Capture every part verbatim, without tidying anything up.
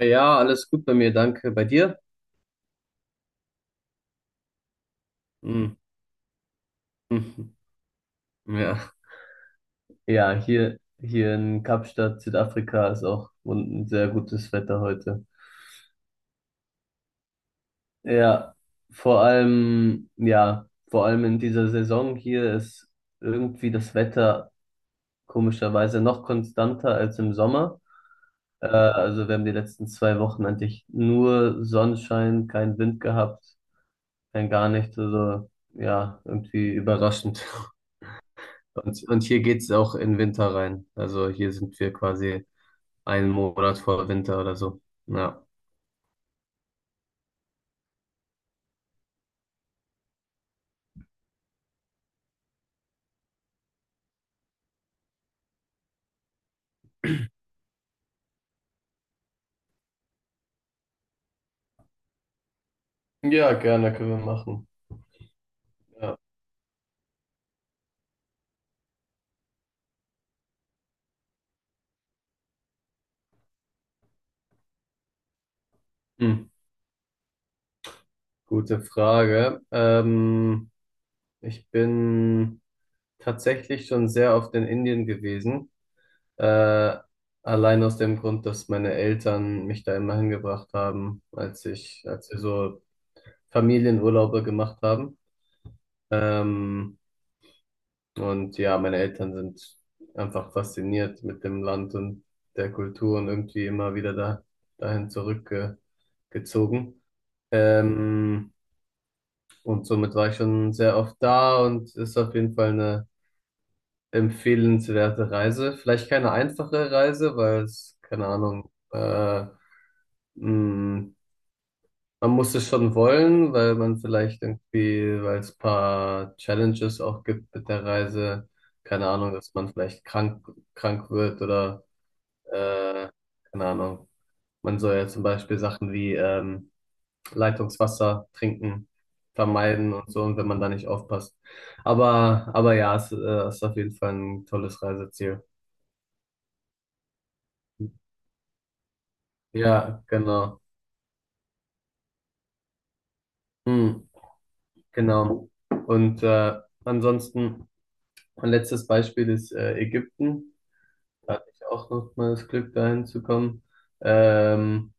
Ja, alles gut bei mir, danke. Bei dir? Hm. Mhm. Ja. Ja, hier, hier in Kapstadt, Südafrika, ist auch ein sehr gutes Wetter heute. Ja, vor allem, ja, vor allem in dieser Saison hier ist irgendwie das Wetter komischerweise noch konstanter als im Sommer. Äh, also wir haben die letzten zwei Wochen eigentlich nur Sonnenschein, keinen Wind gehabt, kein gar nichts. Also ja, irgendwie überraschend. Und, und hier geht's auch in Winter rein. Also hier sind wir quasi einen Monat vor Winter oder so. Ja. Ja, gerne können wir machen. Ja. Hm. Gute Frage. Ähm, ich bin tatsächlich schon sehr oft in Indien gewesen. Äh, Allein aus dem Grund, dass meine Eltern mich da immer hingebracht haben, als ich, als wir so Familienurlaube gemacht haben. Ähm, Und ja, meine Eltern sind einfach fasziniert mit dem Land und der Kultur und irgendwie immer wieder da, dahin zurückgezogen. Ähm, und somit war ich schon sehr oft da und ist auf jeden Fall eine empfehlenswerte Reise. Vielleicht keine einfache Reise, weil es, keine Ahnung, äh, mh, man muss es schon wollen, weil man vielleicht irgendwie, weil es ein paar Challenges auch gibt mit der Reise, keine Ahnung, dass man vielleicht krank, krank wird oder äh, keine Ahnung. Man soll ja zum Beispiel Sachen wie ähm, Leitungswasser trinken, vermeiden und so, und wenn man da nicht aufpasst. Aber, aber ja, es äh, ist auf jeden Fall ein tolles Reiseziel. Ja, genau. Hm, genau. Und äh, ansonsten, mein letztes Beispiel ist äh, Ägypten. Hatte ich auch noch mal das Glück, dahin zu kommen. Ähm,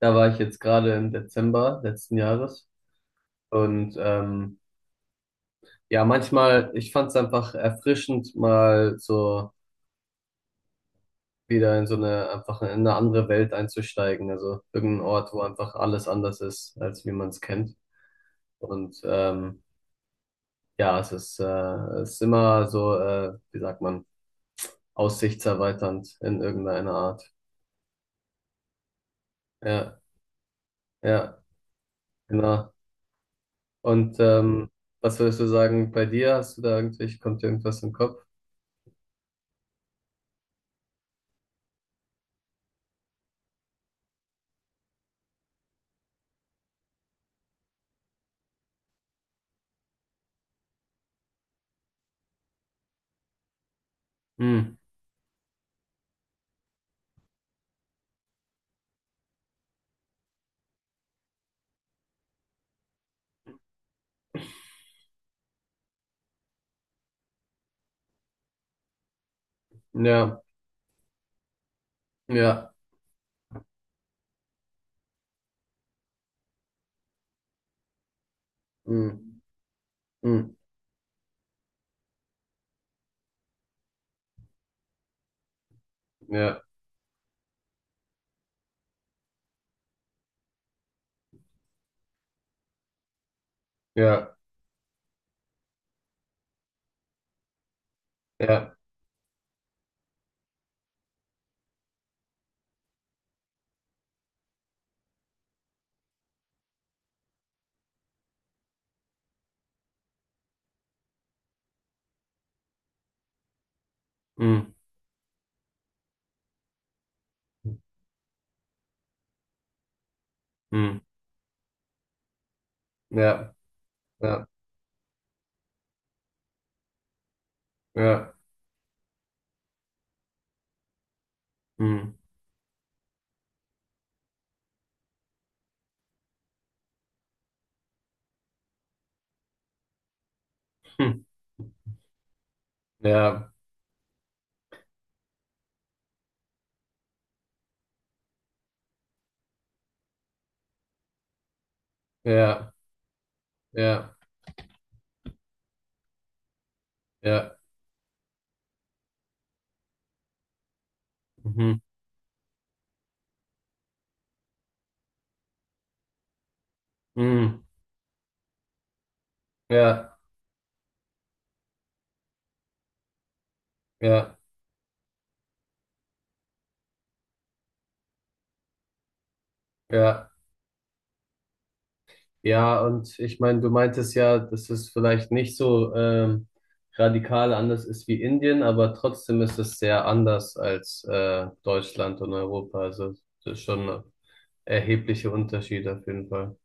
da war ich jetzt gerade im Dezember letzten Jahres. Und ähm, ja, manchmal, ich fand es einfach erfrischend, mal so wieder in so eine, einfach in eine andere Welt einzusteigen. Also irgendein Ort, wo einfach alles anders ist, als wie man es kennt. Und ähm, ja, es ist, äh, es ist immer so, äh, wie sagt man, aussichtserweiternd in irgendeiner Art. Ja, ja, genau. Und ähm, was würdest du sagen bei dir? Hast du da irgendwelche, kommt dir irgendwas im Kopf? Hm, ja, ja, hm, hm, ja, ja, ja, hm, hm, ja, ja, ja, hm, hm, ja, ja, ja, ja, mhm, hm, ja, ja, ja. Ja, und ich meine, du meintest ja, dass es vielleicht nicht so ähm, radikal anders ist wie Indien, aber trotzdem ist es sehr anders als äh, Deutschland und Europa. Also das ist schon erhebliche Unterschiede auf jeden Fall.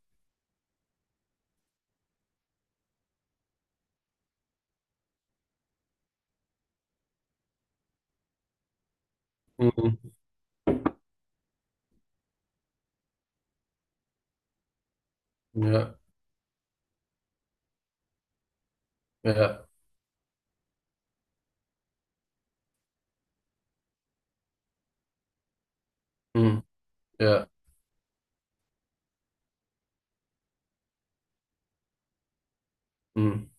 Mhm. Ja, ja, mhm. Ja, mhm.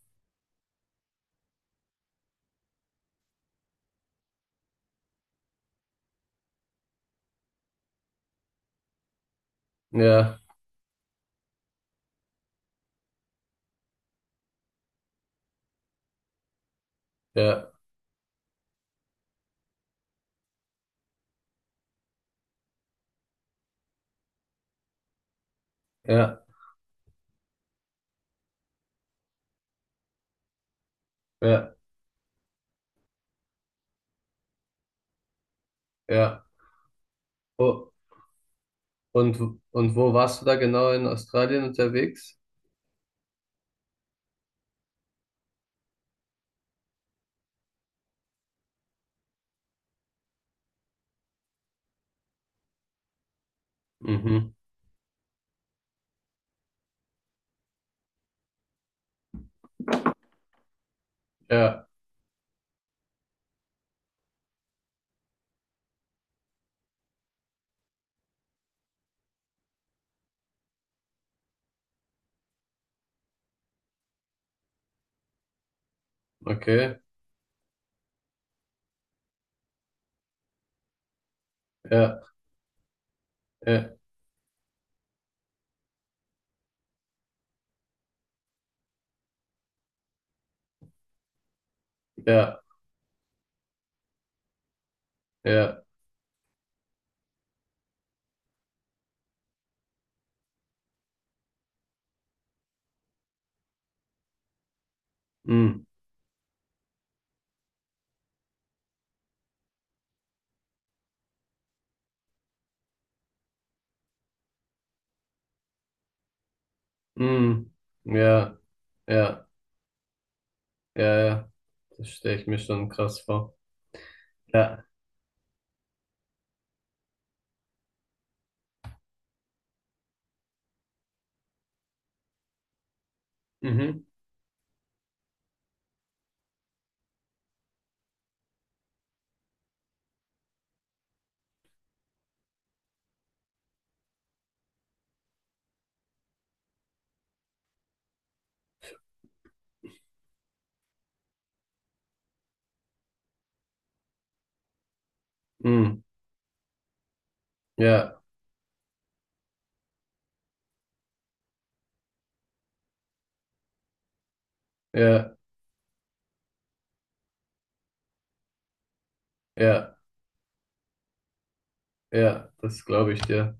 Ja, ja, ja, ja, ja. Oh. Und, und wo warst du da genau in Australien unterwegs? Mhm. Ja, okay. Ja, ja, ja, ja. Mhm. Hm. Ja, ja, ja, ja. Das stelle ich mir schon krass vor. Ja. Mhm. Hm. Ja, ja, ja, ja. Das glaube ich dir.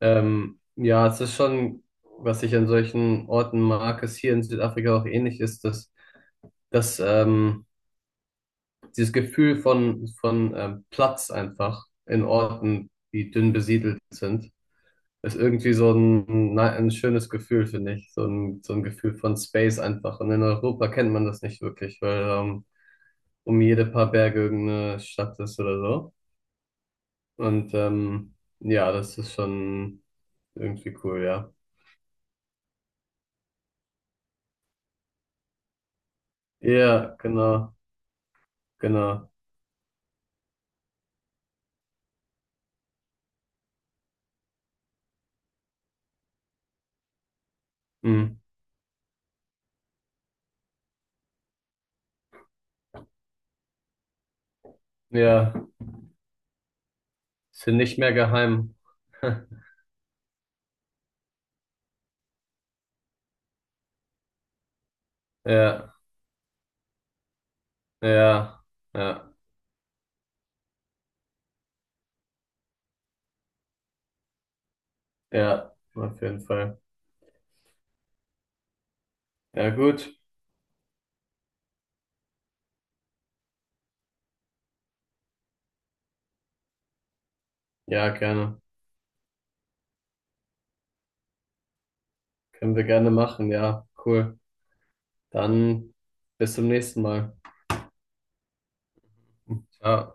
Ähm, ja, es ist schon, was ich an solchen Orten mag, ist hier in Südafrika auch ähnlich ist, dass, dass ähm, dieses Gefühl von, von ähm, Platz einfach in Orten, die dünn besiedelt sind, ist irgendwie so ein, na- ein schönes Gefühl, finde ich. So ein, so ein Gefühl von Space einfach. Und in Europa kennt man das nicht wirklich, weil ähm, um jede paar Berge irgendeine Stadt ist oder so. Und ähm, ja, das ist schon irgendwie cool, ja. Ja, genau, genau. Hm. Ja, sind nicht mehr geheim. Ja, ja, ja, ja, auf jeden Fall. Ja, gut. Ja, gerne. Können wir gerne machen, ja, cool. Dann bis zum nächsten Mal. Ciao.